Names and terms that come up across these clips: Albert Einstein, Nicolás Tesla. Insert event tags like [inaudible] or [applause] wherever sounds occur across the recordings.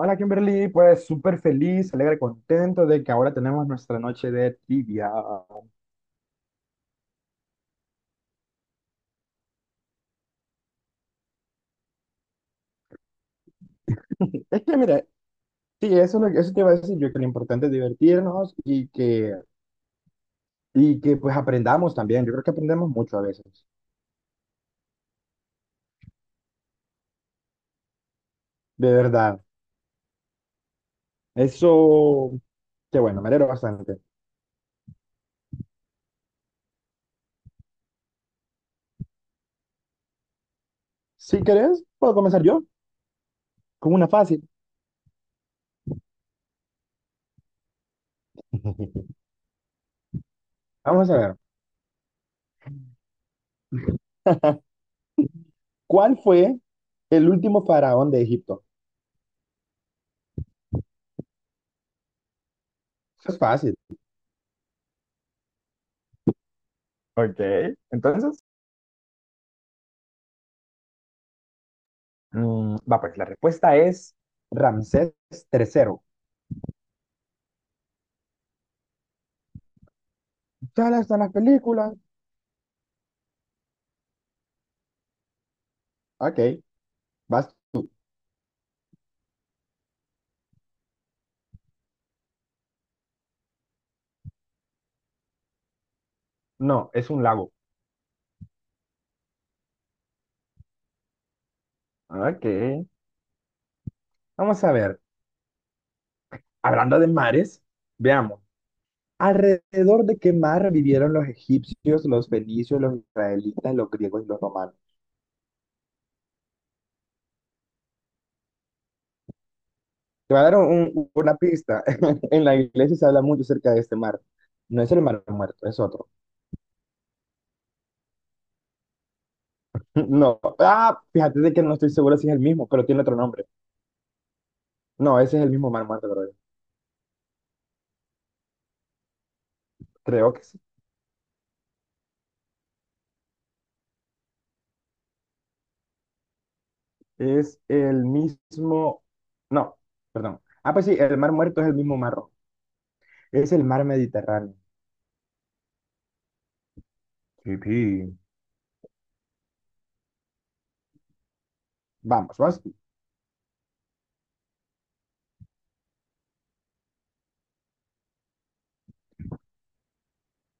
Hola Kimberly, pues súper feliz, alegre, contento de que ahora tenemos nuestra noche de trivia. Es que mira, sí, eso, eso te iba a decir yo, que lo importante es divertirnos y que pues aprendamos también. Yo creo que aprendemos mucho a veces, de verdad. Eso, qué bueno, me alegro bastante. Si querés, puedo comenzar yo con una fácil. [laughs] Vamos a ver, ¿cuál fue el último faraón de Egipto? Eso es fácil. Ok, entonces. Va, pues la respuesta es Ramsés Tercero. Están las películas. Ok, vas. No, es un lago. Ok, vamos a ver. Hablando de mares, veamos. ¿Alrededor de qué mar vivieron los egipcios, los fenicios, los israelitas, los griegos y los romanos? Te voy a dar una pista. [laughs] En la iglesia se habla mucho acerca de este mar. No es el mar muerto, es otro. [laughs] No. Ah, fíjate de que no estoy seguro si es el mismo, pero tiene otro nombre. No, ese es el mismo mar muerto, creo. Creo que sí. Es el mismo, no, perdón. Ah, pues sí, el mar muerto es el mismo mar rojo. Es el mar Mediterráneo. Sí, sí. Vamos, vas.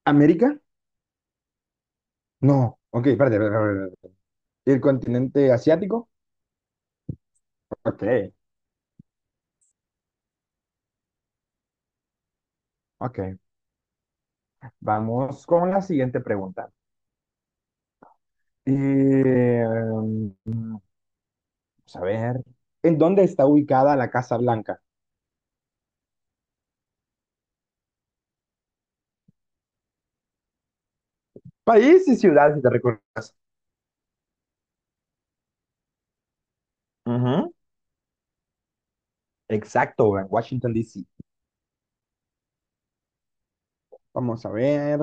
¿América? No. Ok, espérate, espérate, espérate, espérate. ¿El continente asiático? Ok, ok. Vamos con la siguiente pregunta. Vamos a ver. ¿En dónde está ubicada la Casa Blanca? País y ciudad, si te recuerdas. Ujú. Exacto, en Washington, D.C. Vamos a ver.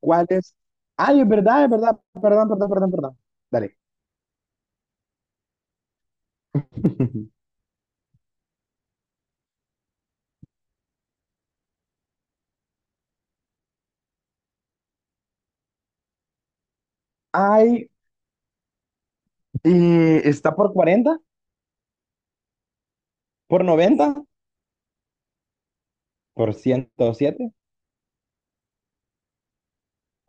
¿Cuál es? Ay, es verdad, es verdad. Perdón, perdón, perdón, perdón. Dale. [laughs] Ay, está por 40, por 90, por 107.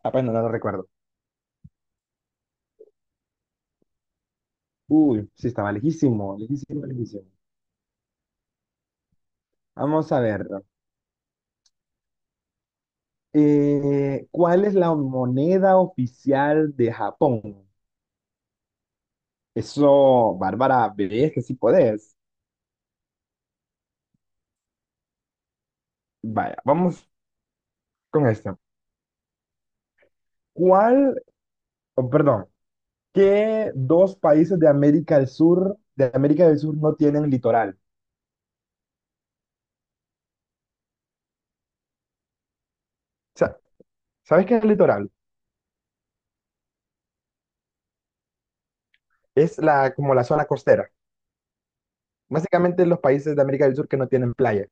Apenas no lo recuerdo. Uy, sí, estaba lejísimo, lejísimo, lejísimo. Vamos a ver. ¿Cuál es la moneda oficial de Japón? Eso, Bárbara, bebé, es que sí podés. Vaya, vamos con esto. ¿Cuál, oh, perdón, ¿Qué dos países de América del Sur, no tienen litoral? O sea, ¿sabes qué es el litoral? Es como la zona costera. Básicamente los países de América del Sur que no tienen playa.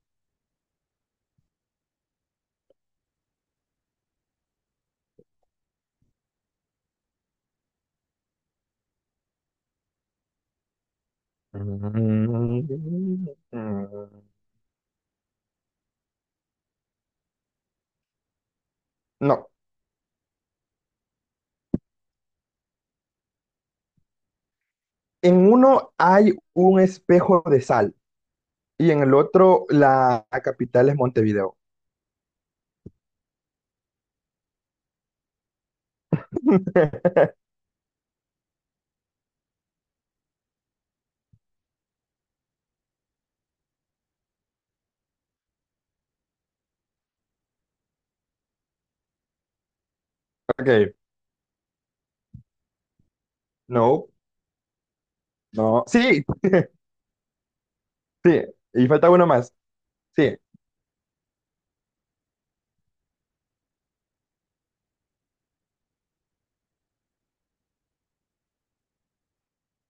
No, en uno hay un espejo de sal y en el otro la capital es Montevideo. [laughs] Ok, no, no. Sí, sí, y falta uno más. Sí,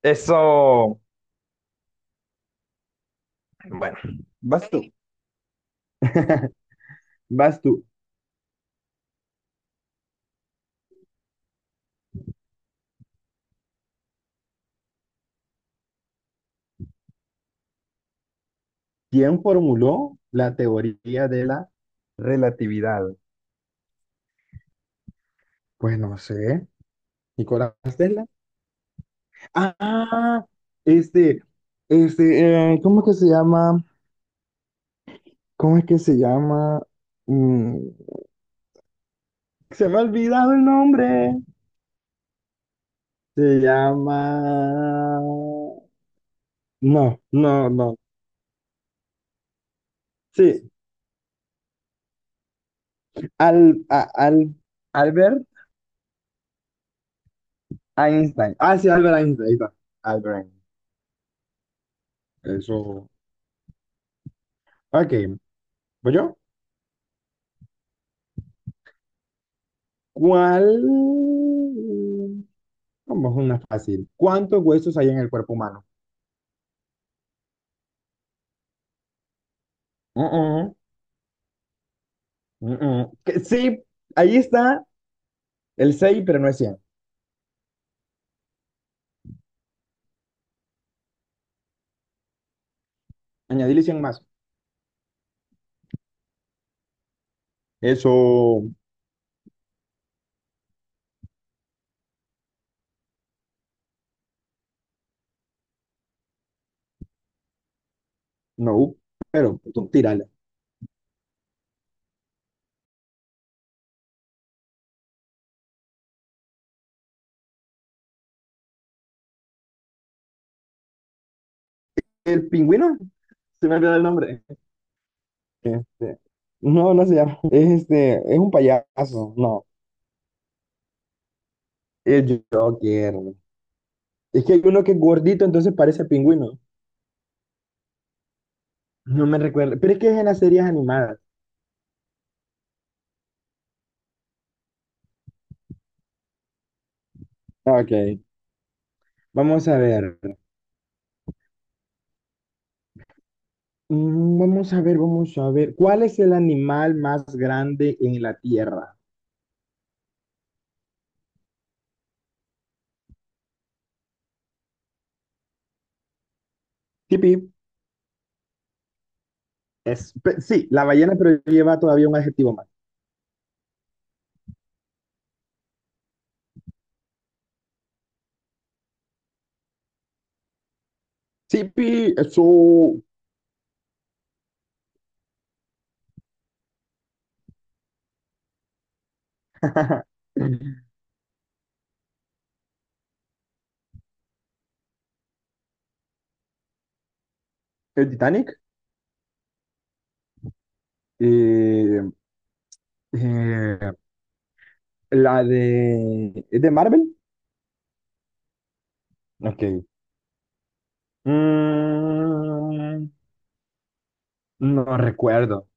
eso. Bueno, vas tú. [laughs] Vas tú. ¿Quién formuló la teoría de la relatividad? Pues no sé, Nicolás Tesla. Ah, este, ¿cómo es que se llama? ¿Cómo es que se llama? Mm, Se me ha olvidado el nombre. Se llama... No, no, no. Sí, al, a- al, Albert Einstein. Ah, sí, Albert Einstein. Ahí está, Albert Einstein. Eso. Ok, ¿voy yo? ¿Cuál? Vamos, una fácil. ¿Cuántos huesos hay en el cuerpo humano? Mm, mm, mm, mm. Mm. Que sí, ahí está el 6, pero no es 100. Añadirle 100 más. Eso, no, pero tú tírala. El pingüino, se me olvidó el nombre. Este, no, no se llama. Es este, es un payaso. No, el Joker. Es que hay uno que es gordito, entonces parece pingüino. No me recuerdo. Pero es que es en las series animadas. Ok, vamos a ver. Vamos a ver, vamos a ver. ¿Cuál es el animal más grande en la Tierra? Tipi, sí, la ballena, pero lleva todavía un adjetivo más. Tipi, eso. [laughs] El Titanic. Eh, eh, la de. ¿Es de Marvel? Ok. Mm, no recuerdo.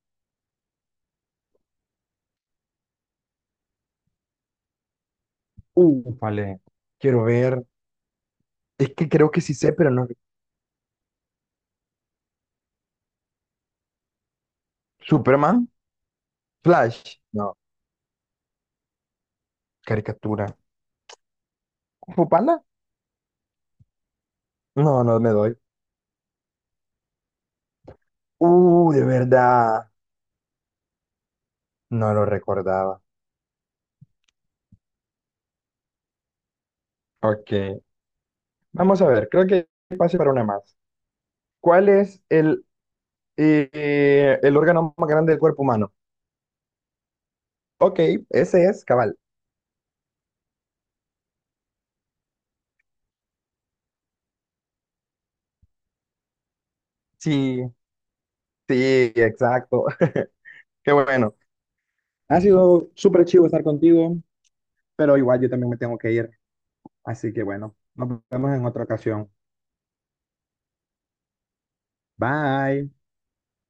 Vale. Quiero ver. Es que creo que sí sé, pero no. ¿Superman? ¿Flash? No. ¿Caricatura? ¿Kung Fu ¿Panda? No, no me doy. De verdad, no lo recordaba. Ok, vamos a ver, creo que pase para una más. ¿Cuál es el órgano más grande del cuerpo humano? Ok, ese es cabal. Sí, sí, exacto. [laughs] Qué bueno. Ha sido súper chivo estar contigo, pero igual yo también me tengo que ir. Así que bueno, nos vemos en otra ocasión. Bye.